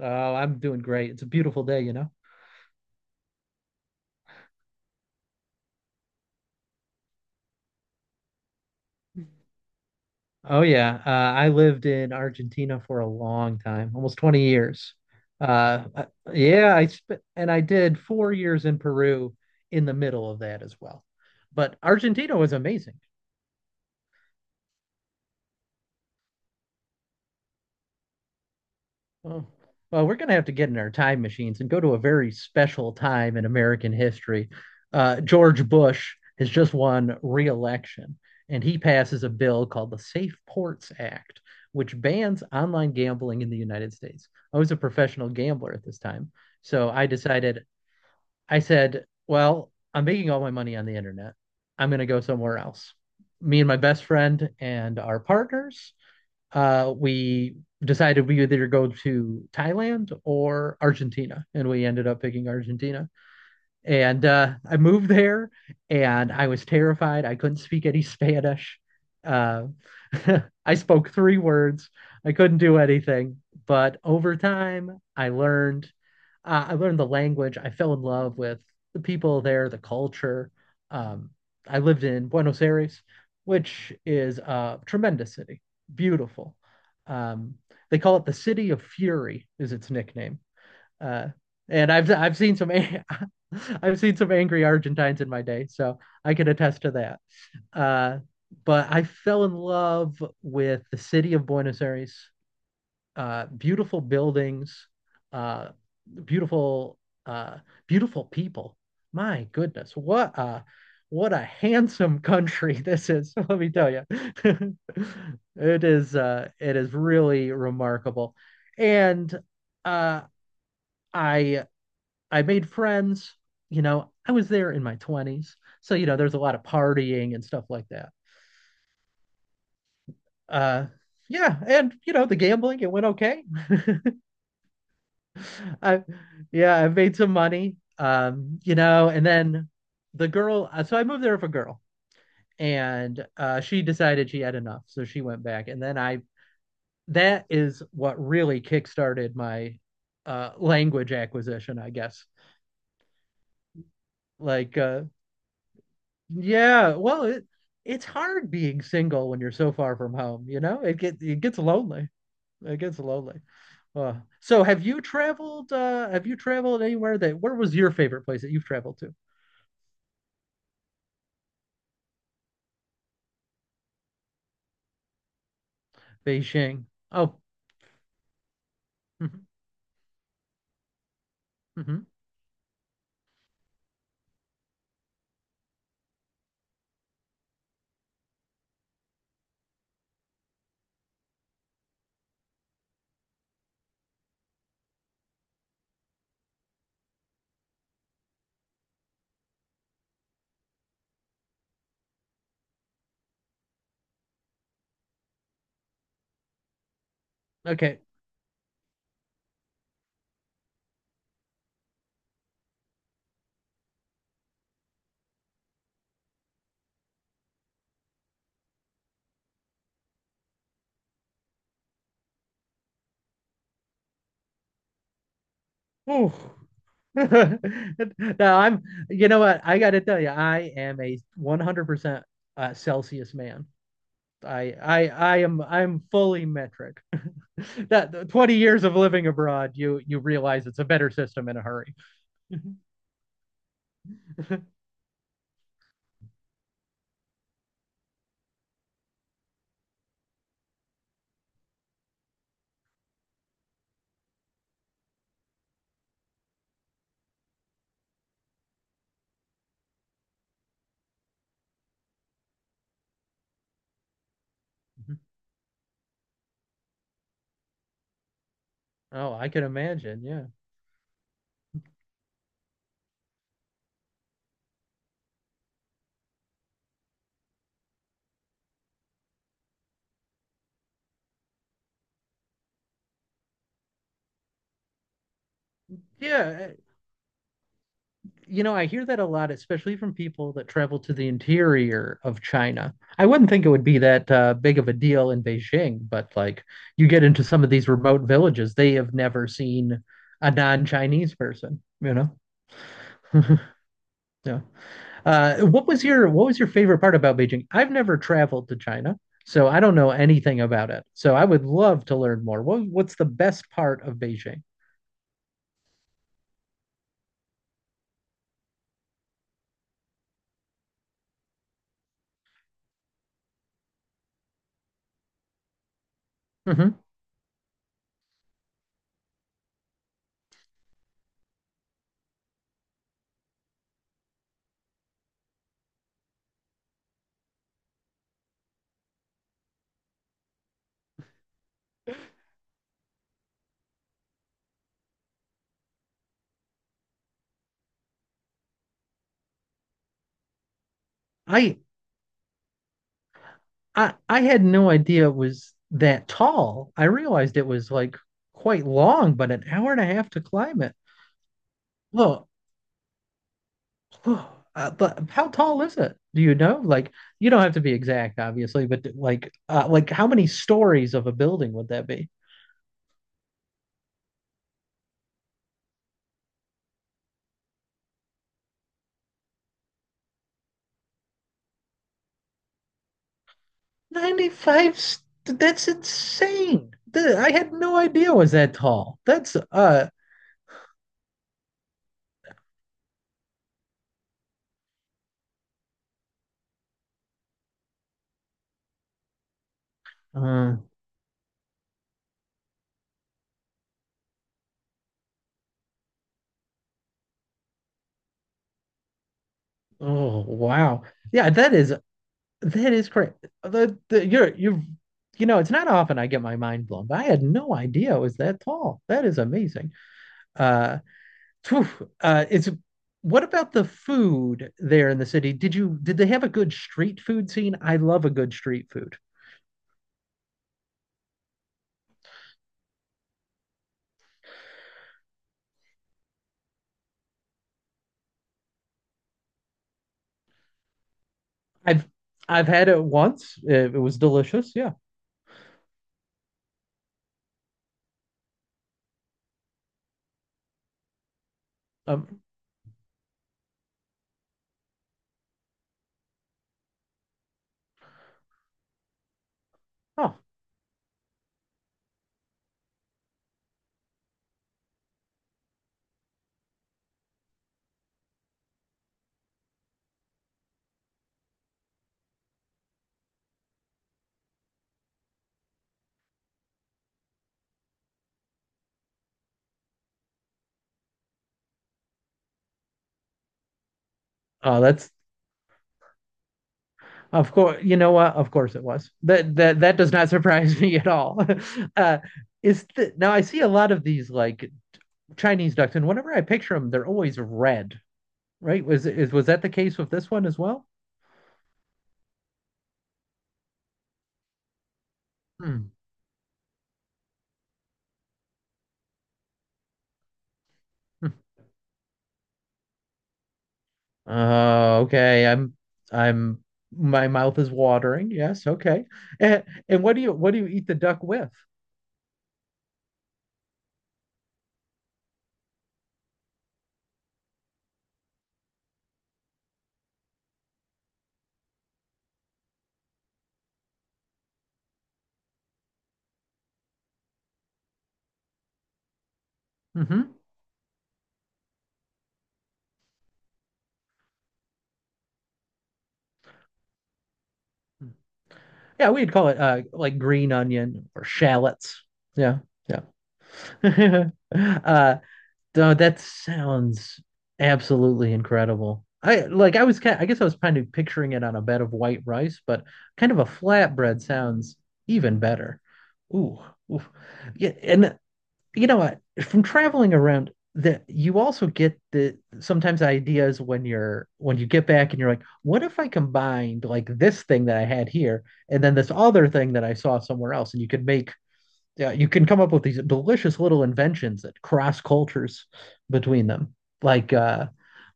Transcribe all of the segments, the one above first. Oh, I'm doing great. It's a beautiful day, you know? Oh, yeah. I lived in Argentina for a long time, almost 20 years. Uh, I- yeah, I spent, and I did 4 years in Peru in the middle of that as well. But Argentina was amazing. Oh, well, we're going to have to get in our time machines and go to a very special time in American history. George Bush has just won re-election, and he passes a bill called the Safe Ports Act, which bans online gambling in the United States. I was a professional gambler at this time, so I decided. I said, "Well, I'm making all my money on the internet. I'm going to go somewhere else." Me and my best friend and our partners we decided we either go to Thailand or Argentina, and we ended up picking Argentina. And I moved there and I was terrified. I couldn't speak any Spanish. Uh, I spoke three words. I couldn't do anything. But over time, I learned. I learned the language. I fell in love with the people there, the culture. Um, I lived in Buenos Aires, which is a tremendous city, beautiful. Um, they call it the City of Fury, is its nickname uh, and I've seen some I've seen some angry Argentines in my day, so I can attest to that. Uh, but I fell in love with the city of Buenos Aires. Beautiful buildings, uh, beautiful uh, beautiful people. My goodness, what a handsome country this is. Let me tell you, it is really remarkable, and uh, I I made friends. You know, I was there in my 20s. So, you know, there's a lot of partying and stuff like that. Uh, yeah. And, you know, the gambling, it went okay. I, yeah, I made some money. You know, and then the girl, so I moved there with a girl and she decided she had enough. So she went back. That is what really kickstarted my language acquisition, I guess. Like, uh, Yeah, well, it's hard being single when you're so far from home, you know? It gets lonely. It gets lonely. Uh, so have you traveled have you traveled anywhere that where was your favorite place that you've traveled to? Beijing. Oh. Hmm. Hmm. Okay. Ooh. Now I'm You know what? I gotta tell you, I am a 100% Celsius man. I'm fully metric. That 20 years of living abroad, you realize it's a better system in a hurry. Oh, I can imagine. Yeah. Yeah, eh, you know, I hear that a lot, especially from people that travel to the interior of China. I wouldn't think it would be that big of a deal in Beijing, but like you get into some of these remote villages, they have never seen a non-Chinese person, you know? Yeah. What was your what was your favorite part about Beijing? I've never traveled to China, so I don't know anything about it. So I would love to learn more. What what's the best part of Beijing? Hmm. I I had no idea it was that tall. I realized it was like quite long, but an hour and a half to climb it. Well, But how tall is it? Do you know? You don't have to be exact, obviously, but like how many stories of a building would that be? That's insane. I had no idea it was that tall. That's uh Oh, wow. Yeah, that is correct. The you're you You know, it's not often I get my mind blown, but I had no idea it was that tall. That is amazing. Uh Phew, is What about the food there in the city? Did they have a good street food scene? I love a good street food. I've I've had it once. It was delicious. Yeah. Um, oh, oh, that's of course. You know what? Of course it was. That does not surprise me at all. Uh, Now I see a lot of these like Chinese ducks, and whenever I picture them, they're always red. Right? Was that the case with this one as well? Hmm. Hmm. Okay. I'm My mouth is watering. Yes, okay. And, and what do you eat the duck with? Hmm. Yeah, we'd call it like green onion or shallots. Yeah, yeah. Uh, no, that sounds absolutely incredible. I guess I was kind of picturing it on a bed of white rice, but kind of a flatbread sounds even better. Ooh, ooh. Yeah, and you know what? From traveling around, that you also get the sometimes ideas when you're when you get back and you're like, what if I combined like this thing that I had here and then this other thing that I saw somewhere else, and you could make yeah, you can come up with these delicious little inventions that cross cultures between them. Like uh,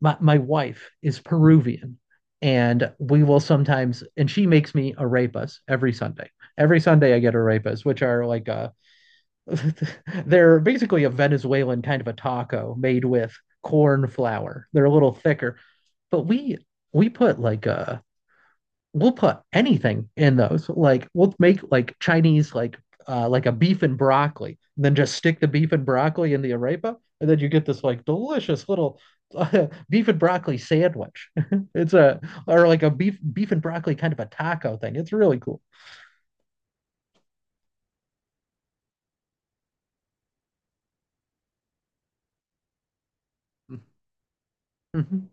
my wife is Peruvian, and we will sometimes and she makes me arepas every Sunday. Every Sunday I get arepas, which are like they're basically a Venezuelan kind of a taco made with corn flour. They're a little thicker, but we put like we'll put anything in those. Like we'll make like Chinese like a beef and broccoli, and then just stick the beef and broccoli in the arepa, and then you get this like delicious little beef and broccoli sandwich. It's a or Like a beef and broccoli kind of a taco thing. It's really cool. Mhm.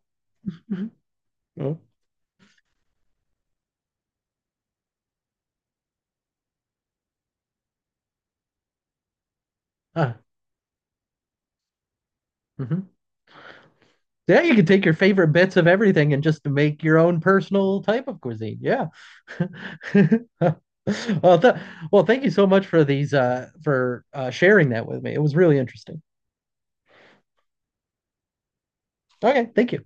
Mhm. Oh. Ah. Mhm. Yeah, you can take your favorite bits of everything and just make your own personal type of cuisine. Yeah. Well, thank you so much for these for sharing that with me. It was really interesting. Okay, thank you.